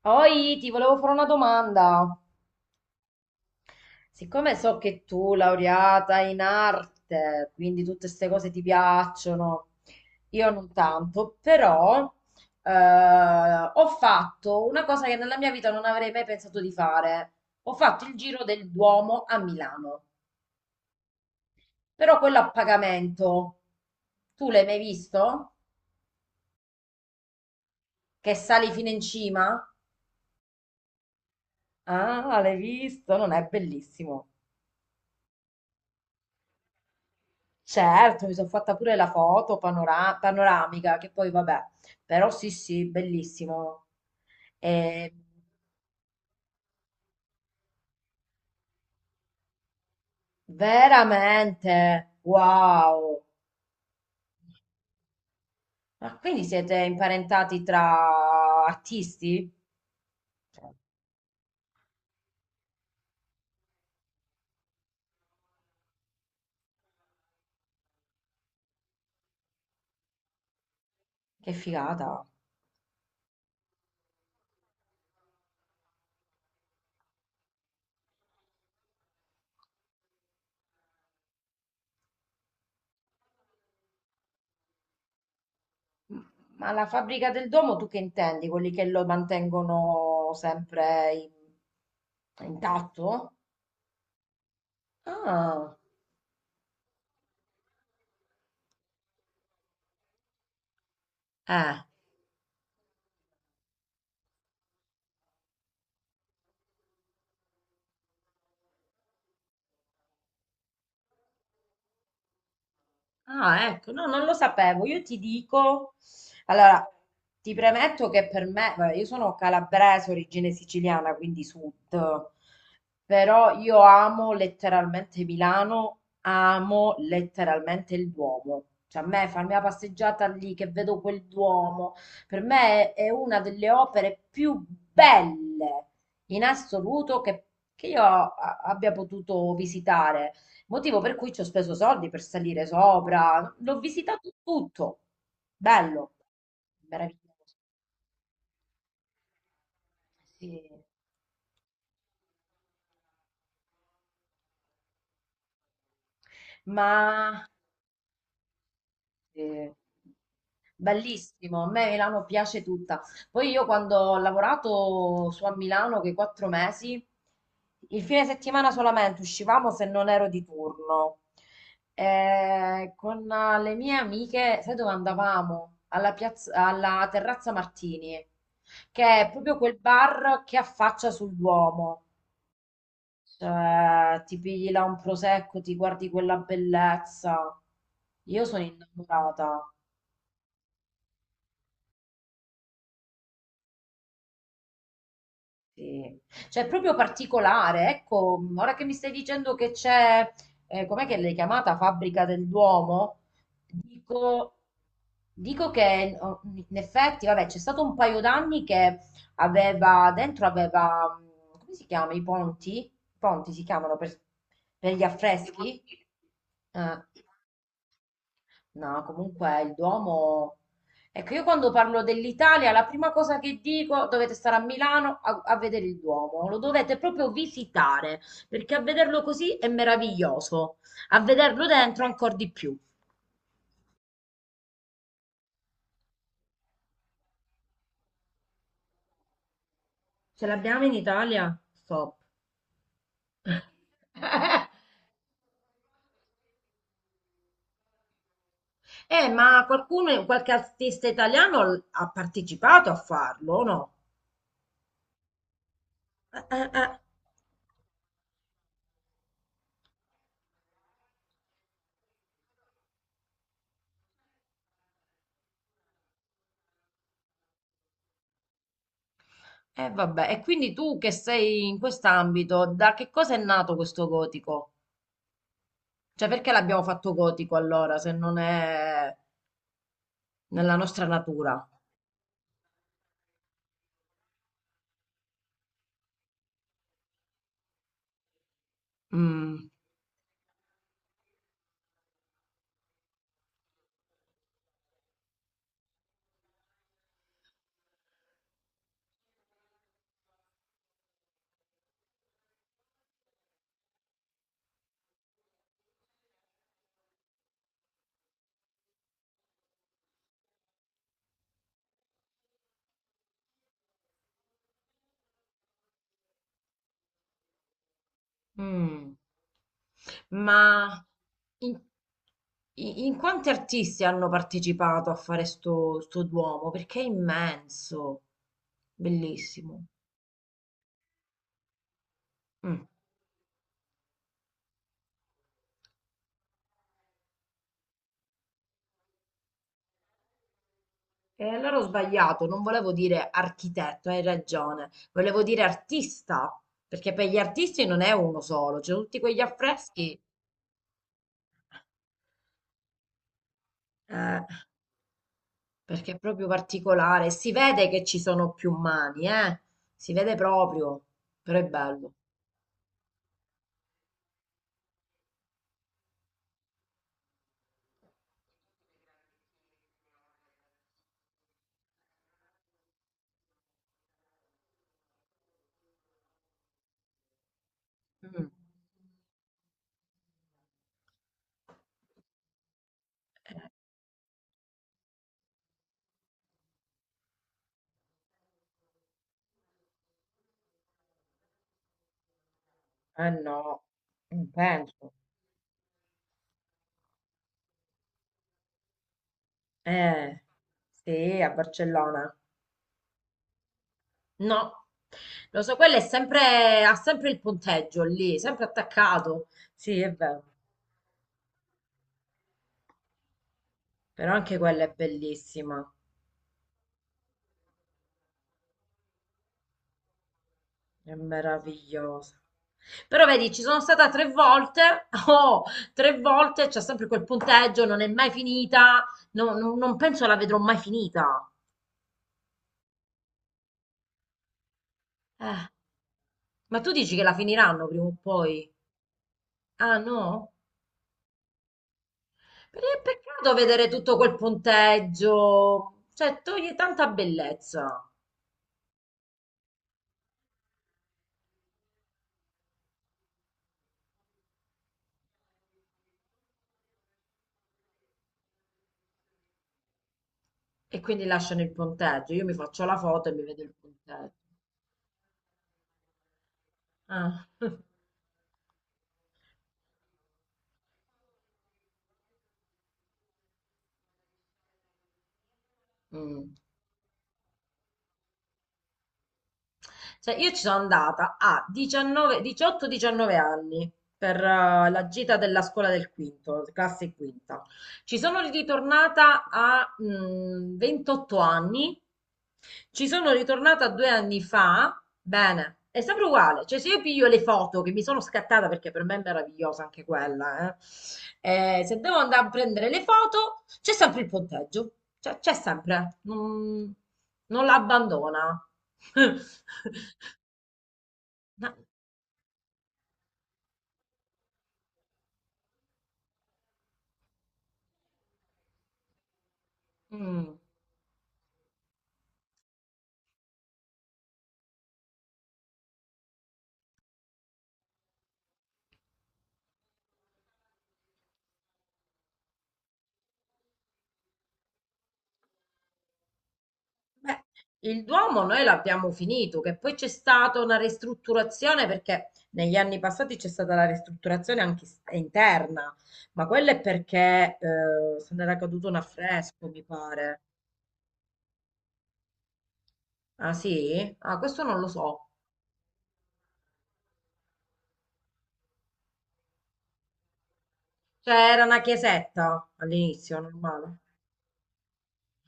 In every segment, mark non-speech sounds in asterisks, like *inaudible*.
Poi ti volevo fare una domanda. Siccome so che tu, laureata in arte, quindi tutte queste cose ti piacciono, io non tanto, però ho fatto una cosa che nella mia vita non avrei mai pensato di fare. Ho fatto il giro del Duomo a Milano, però quello a pagamento. Tu l'hai mai visto? Che sali fino in cima? Ah, l'hai visto? Non è bellissimo. Certo, mi sono fatta pure la foto panoramica, che poi vabbè, però sì, sì, bellissimo. E veramente, wow. Ma quindi siete imparentati tra artisti? Cioè, che figata. M- ma la fabbrica del domo tu che intendi? Quelli che lo mantengono sempre intatto? Ah, eh. Ah, ecco, no, non lo sapevo. Io ti dico, allora, ti premetto che per me, vabbè, io sono calabrese, origine siciliana, quindi sud, però io amo letteralmente Milano, amo letteralmente il Duomo. Cioè, a me farmi la passeggiata lì che vedo quel Duomo, per me è una delle opere più belle in assoluto che io abbia potuto visitare. Motivo per cui ci ho speso soldi per salire sopra. L'ho visitato tutto. Bello, meraviglioso. Sì. Ma eh, bellissimo, a me Milano piace tutta. Poi io quando ho lavorato su a Milano, quei 4 mesi, il fine settimana solamente uscivamo se non ero di turno. Con le mie amiche, sai dove andavamo? Alla piazza, alla Terrazza Martini, che è proprio quel bar che affaccia sul Duomo. Cioè, ti pigli là un prosecco, ti guardi quella bellezza. Io sono innamorata. Sì. Cioè, è proprio particolare, ecco, ora che mi stai dicendo che c'è, com'è che l'hai chiamata, Fabbrica del Duomo, dico, dico che oh, in effetti, vabbè, c'è stato un paio d'anni che aveva, mm, come si chiama, i ponti? I ponti si chiamano per gli affreschi? Eh. No, comunque il Duomo... Ecco, io quando parlo dell'Italia, la prima cosa che dico, dovete stare a Milano a vedere il Duomo, lo dovete proprio visitare, perché a vederlo così è meraviglioso, a vederlo dentro ancora di più. Ce l'abbiamo in Italia? Stop. *laughs* Ma qualcuno, qualche artista italiano ha partecipato a farlo, o no? Eh, eh, eh. Vabbè, e quindi tu che sei in quest'ambito, da che cosa è nato questo gotico? Cioè, perché l'abbiamo fatto gotico allora, se non è nella nostra natura? Mm, mm. Ma in, in quanti artisti hanno partecipato a fare sto Duomo? Perché è immenso, bellissimo. Mm. E allora ho sbagliato, non volevo dire architetto, hai ragione, volevo dire artista, perché per gli artisti non è uno solo, cioè tutti quegli affreschi. Eh, Perché è proprio particolare. Si vede che ci sono più mani, eh? Si vede proprio, però è bello. Mm. Eh no, non penso. Eh, sì, a Barcellona. No, lo so, quello è sempre, ha sempre il punteggio lì, sempre attaccato. Sì, è vero. Però anche quella è bellissima, è meravigliosa. Però vedi, ci sono stata 3 volte, *laughs* oh, 3 volte, c'è sempre quel punteggio, non è mai finita, non penso la vedrò mai finita. Eh, ma tu dici che la finiranno prima o poi? Ah no? Perché è peccato vedere tutto quel punteggio, cioè toglie tanta bellezza e quindi lasciano il punteggio, io mi faccio la foto e mi vedo il punteggio. Ah. *laughs* Mm. Cioè, io ci sono andata a 19, 18, 19 anni per la gita della scuola del quinto, classe quinta. Ci sono ritornata a 28 anni. Ci sono ritornata 2 anni fa. Bene, è sempre uguale. Cioè, se io piglio le foto che mi sono scattata, perché per me è meravigliosa anche quella, se devo andare a prendere le foto, c'è sempre il punteggio. Cioè, c'è sempre. Non, non la abbandona. *laughs* Ma- mm. Beh, il Duomo noi l'abbiamo finito, che poi c'è stata una ristrutturazione perché negli anni passati c'è stata la ristrutturazione anche interna, ma quella è perché se n'era caduto un affresco, mi pare. Ah sì? Ah, questo non lo so. Cioè era una chiesetta all'inizio, normale.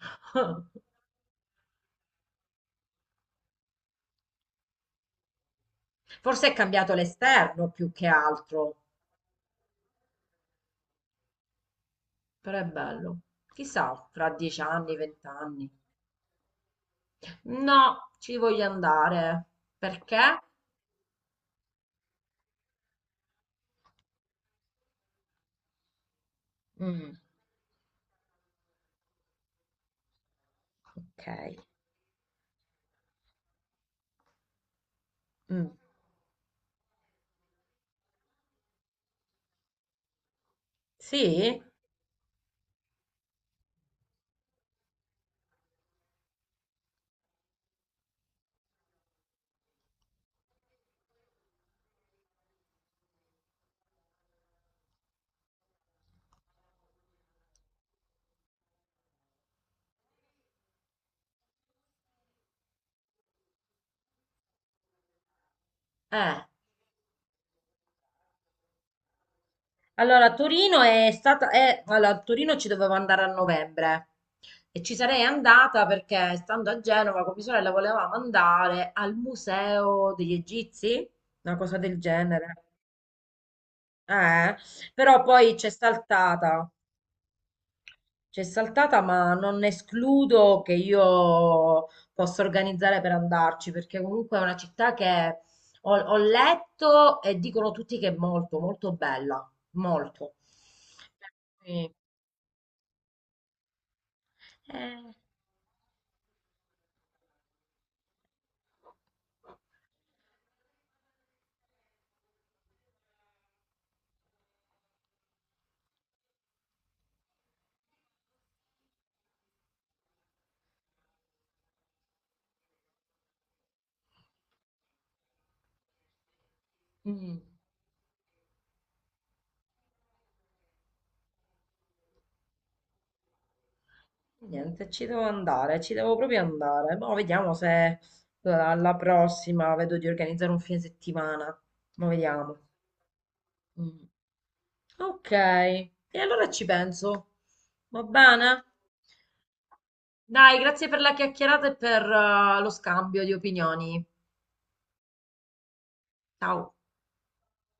*laughs* Forse è cambiato l'esterno più che altro, però è bello. Chissà, fra 10 anni, 20 anni. No, ci voglio andare. Perché? Mm, ok. Mm. Sì? Eh, Torino è stata, a Torino ci dovevo andare a novembre e ci sarei andata perché stando a Genova con mia sorella volevamo andare al Museo degli Egizi, una cosa del genere. Eh, però poi c'è saltata. C'è saltata, ma non escludo che io possa organizzare per andarci, perché comunque è una città che ho letto e dicono tutti che è molto, molto bella, molto. Per cui, eh, mm, niente, ci devo andare, ci devo proprio andare. Mo vediamo se alla prossima vedo di organizzare un fine settimana. Ma vediamo. Mm. Ok, e allora ci penso. Va bene? Dai, grazie per la chiacchierata e per lo scambio di opinioni. Ciao.